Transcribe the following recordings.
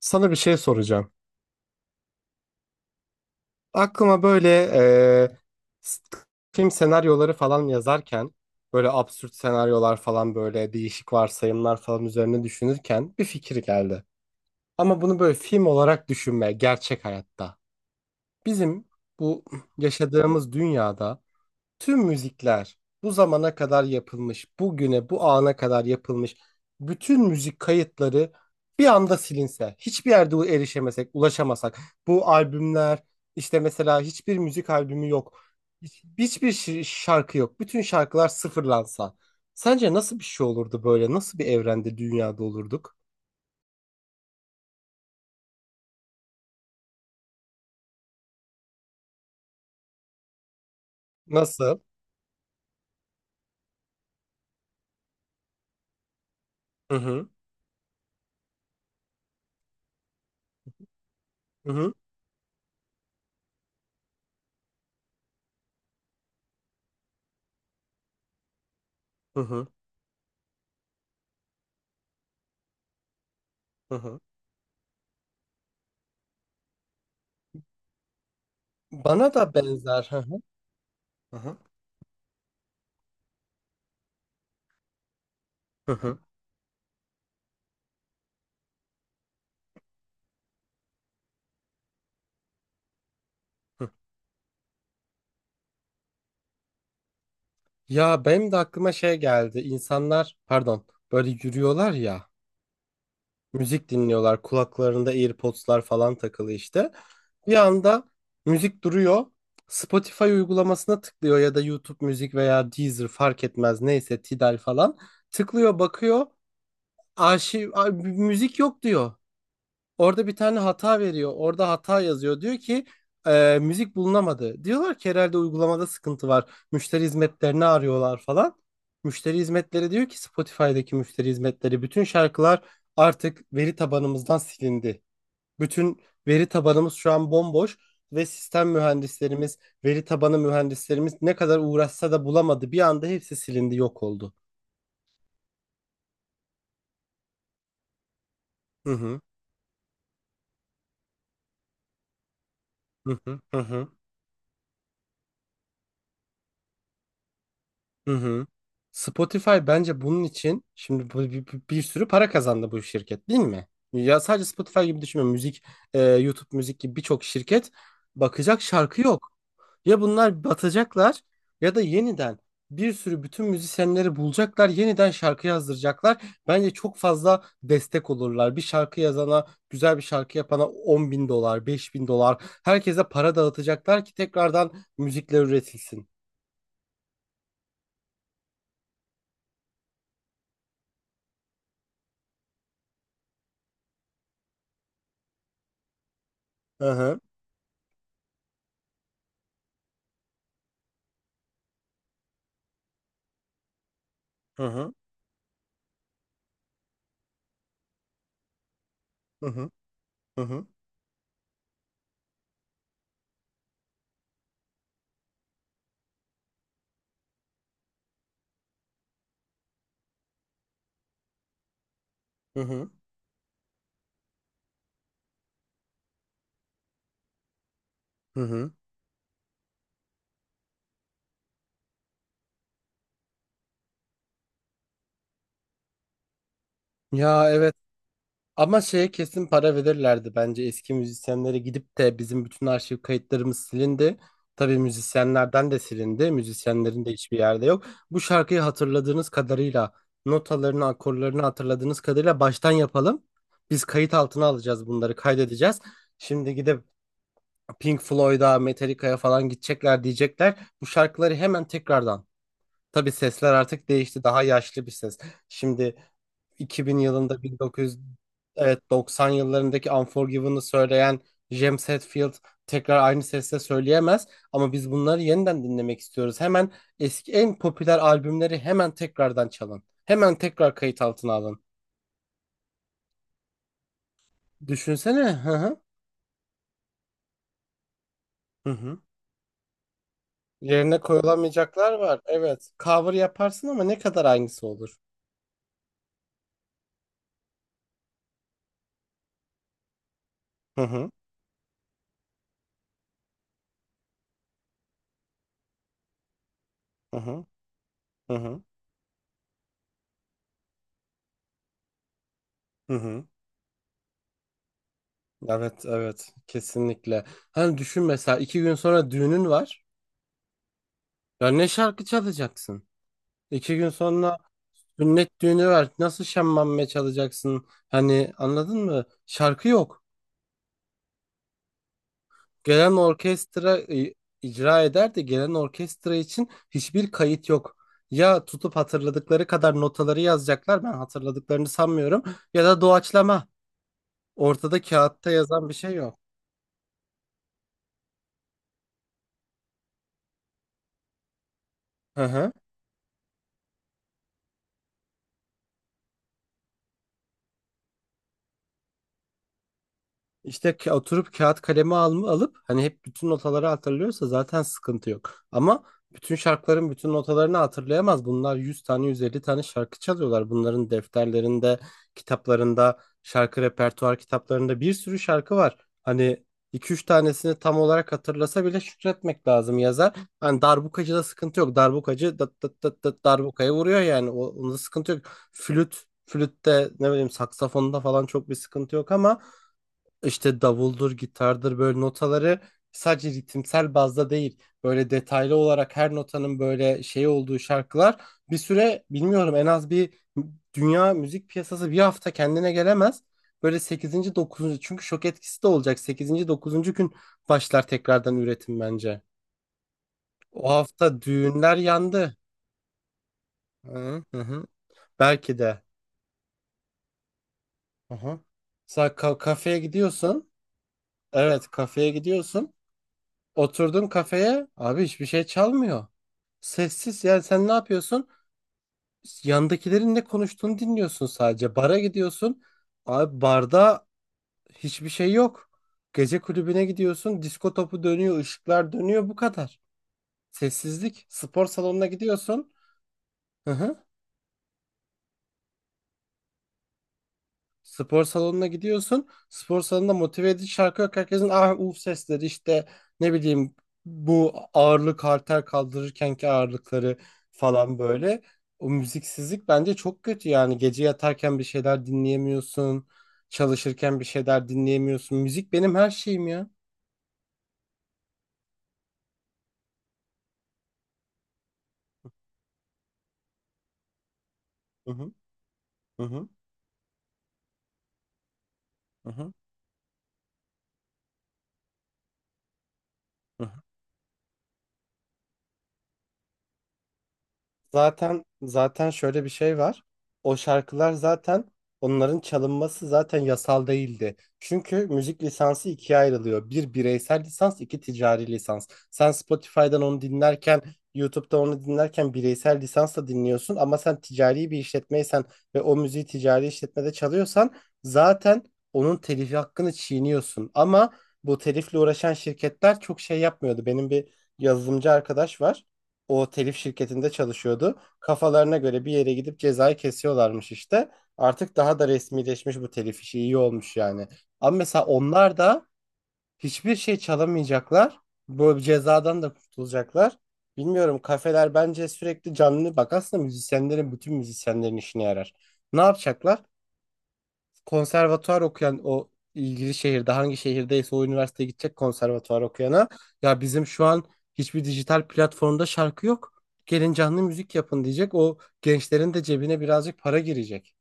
Sana bir şey soracağım. Aklıma böyle e, s- film senaryoları falan yazarken böyle absürt senaryolar falan böyle değişik varsayımlar falan üzerine düşünürken bir fikir geldi. Ama bunu böyle film olarak düşünme gerçek hayatta. Bizim bu yaşadığımız dünyada tüm müzikler bu zamana kadar yapılmış, bugüne, bu ana kadar yapılmış bütün müzik kayıtları bir anda silinse, hiçbir yerde erişemesek, ulaşamasak, bu albümler, işte mesela hiçbir müzik albümü yok, hiçbir şarkı yok, bütün şarkılar sıfırlansa, sence nasıl bir şey olurdu böyle? Nasıl bir evrende, dünyada olurduk? Nasıl? Hı hı, hı hı, hı hı, hı hı. Bana da benzer. Hı hı, hı hı, hı hı. Ya benim de aklıma şey geldi. İnsanlar pardon böyle yürüyorlar ya müzik dinliyorlar kulaklarında AirPods'lar falan takılı işte. Bir anda müzik duruyor. Spotify uygulamasına tıklıyor ya da YouTube müzik veya Deezer fark etmez neyse Tidal falan. Tıklıyor bakıyor müzik yok diyor. Orada bir tane hata veriyor. Orada hata yazıyor. Diyor ki müzik bulunamadı. Diyorlar ki herhalde uygulamada sıkıntı var. Müşteri hizmetlerini arıyorlar falan. Müşteri hizmetleri diyor ki, Spotify'daki müşteri hizmetleri, bütün şarkılar artık veri tabanımızdan silindi. Bütün veri tabanımız şu an bomboş ve sistem mühendislerimiz, veri tabanı mühendislerimiz ne kadar uğraşsa da bulamadı. Bir anda hepsi silindi, yok oldu. Hı hı. Hı hı. Hı hı. Hı hı. Spotify bence bunun için şimdi bir sürü para kazandı bu şirket, değil mi? Ya sadece Spotify gibi düşünme. YouTube müzik gibi birçok şirket bakacak, şarkı yok. Ya bunlar batacaklar ya da yeniden bir sürü bütün müzisyenleri bulacaklar, yeniden şarkı yazdıracaklar. Bence çok fazla destek olurlar. Bir şarkı yazana, güzel bir şarkı yapana 10.000 dolar, 5.000 dolar. Herkese para dağıtacaklar ki tekrardan müzikler üretilsin. Hı hı. Hı hı. Hı hı. Hı hı. Hı hı. Hı hı. Ya evet. Ama şeye kesin para verirlerdi bence, eski müzisyenlere gidip de bizim bütün arşiv kayıtlarımız silindi. Tabii müzisyenlerden de silindi. Müzisyenlerin de hiçbir yerde yok. Bu şarkıyı hatırladığınız kadarıyla, notalarını, akorlarını hatırladığınız kadarıyla baştan yapalım. Biz kayıt altına alacağız bunları, kaydedeceğiz. Şimdi gidip Pink Floyd'a, Metallica'ya falan gidecekler, diyecekler bu şarkıları hemen tekrardan. Tabii sesler artık değişti. Daha yaşlı bir ses. Şimdi 2000 yılında, 1900 evet 90 yıllarındaki Unforgiven'ı söyleyen James Hetfield tekrar aynı sesle söyleyemez ama biz bunları yeniden dinlemek istiyoruz. Hemen eski en popüler albümleri hemen tekrardan çalın. Hemen tekrar kayıt altına alın. Düşünsene. Hı hı. Hı hı. Yerine koyulamayacaklar var. Evet. Cover yaparsın ama ne kadar aynısı olur. Hı hı. Hı hı. Hı hı. Hı hı. Evet, evet. Kesinlikle. Hani düşün, mesela 2 gün sonra düğünün var. Ya ne şarkı çalacaksın? 2 gün sonra sünnet düğünü var. Nasıl şemmame çalacaksın? Hani anladın mı? Şarkı yok. Gelen orkestra icra eder de gelen orkestra için hiçbir kayıt yok. Ya tutup hatırladıkları kadar notaları yazacaklar. Ben hatırladıklarını sanmıyorum. Ya da doğaçlama. Ortada kağıtta yazan bir şey yok. Hı hı. İşte oturup kağıt kalemi alma, alıp hani hep bütün notaları hatırlıyorsa zaten sıkıntı yok. Ama bütün şarkıların bütün notalarını hatırlayamaz. Bunlar 100 tane, 150 tane şarkı çalıyorlar. Bunların defterlerinde, kitaplarında, şarkı repertuar kitaplarında bir sürü şarkı var. Hani iki üç tanesini tam olarak hatırlasa bile şükretmek lazım yazar. Hani darbukacıda sıkıntı yok. Darbukacı dıt dıt dıt dıt darbukaya vuruyor yani. O, onda sıkıntı yok. Flüt, flütte ne bileyim, saksafonda falan çok bir sıkıntı yok ama işte davuldur, gitardır, böyle notaları sadece ritimsel bazda değil böyle detaylı olarak her notanın böyle şey olduğu şarkılar bir süre, bilmiyorum en az bir, dünya müzik piyasası bir hafta kendine gelemez. Böyle sekizinci dokuzuncu, çünkü şok etkisi de olacak, sekizinci dokuzuncu gün başlar tekrardan üretim bence. O hafta düğünler yandı. Hı hı. Hı. Belki de. Hı hı. Sen kafeye gidiyorsun. Evet, kafeye gidiyorsun. Oturdun kafeye, abi hiçbir şey çalmıyor. Sessiz, yani sen ne yapıyorsun? Yandakilerin ne konuştuğunu dinliyorsun sadece. Bara gidiyorsun. Abi barda hiçbir şey yok. Gece kulübüne gidiyorsun. Disko topu dönüyor, ışıklar dönüyor, bu kadar. Sessizlik. Spor salonuna gidiyorsun. Hı hı. Spor salonuna gidiyorsun. Spor salonunda motive edici şarkı yok. Herkesin ah uf sesleri, işte ne bileyim, bu ağırlık halter kaldırırkenki ağırlıkları falan böyle. O müziksizlik bence çok kötü yani. Gece yatarken bir şeyler dinleyemiyorsun. Çalışırken bir şeyler dinleyemiyorsun. Müzik benim her şeyim ya. Hı hı, hı hı. Hı hı. Zaten zaten şöyle bir şey var. O şarkılar zaten, onların çalınması zaten yasal değildi. Çünkü müzik lisansı ikiye ayrılıyor. Bir bireysel lisans, iki ticari lisans. Sen Spotify'dan onu dinlerken, YouTube'da onu dinlerken bireysel lisansla dinliyorsun ama sen ticari bir işletmeysen ve o müziği ticari işletmede çalıyorsan zaten onun telifi hakkını çiğniyorsun. Ama bu telifle uğraşan şirketler çok şey yapmıyordu. Benim bir yazılımcı arkadaş var, o telif şirketinde çalışıyordu. Kafalarına göre bir yere gidip cezayı kesiyorlarmış işte. Artık daha da resmileşmiş bu telif işi, iyi olmuş yani. Ama mesela onlar da hiçbir şey çalamayacaklar. Bu cezadan da kurtulacaklar. Bilmiyorum, kafeler bence sürekli canlı, bak aslında müzisyenlerin, bütün müzisyenlerin işine yarar. Ne yapacaklar? Konservatuvar okuyan, o ilgili şehirde hangi şehirdeyse o üniversiteye gidecek konservatuvar okuyana, ya bizim şu an hiçbir dijital platformda şarkı yok, gelin canlı müzik yapın diyecek. O gençlerin de cebine birazcık para girecek.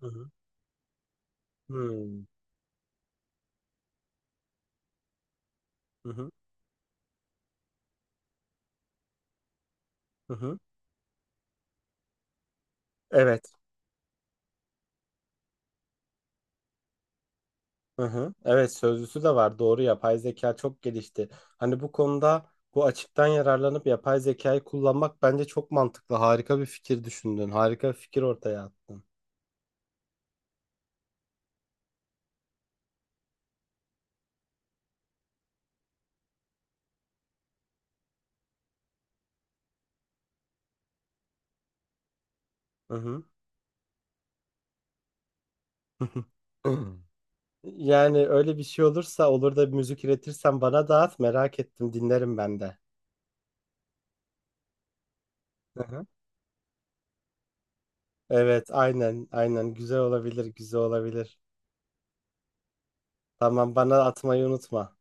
Hı hı. Hmm. Hı hı. Hı hı. Evet. Hı hı. Evet, sözlüsü de var. Doğru, yapay zeka çok gelişti. Hani bu konuda bu açıktan yararlanıp yapay zekayı kullanmak bence çok mantıklı. Harika bir fikir düşündün. Harika bir fikir ortaya attın. Hı hı. Hı hı. Yani öyle bir şey olursa, olur da bir müzik üretirsen bana dağıt, merak ettim, dinlerim ben de. Hı hı. Evet aynen, aynen, güzel olabilir, güzel olabilir. Tamam, bana atmayı unutma.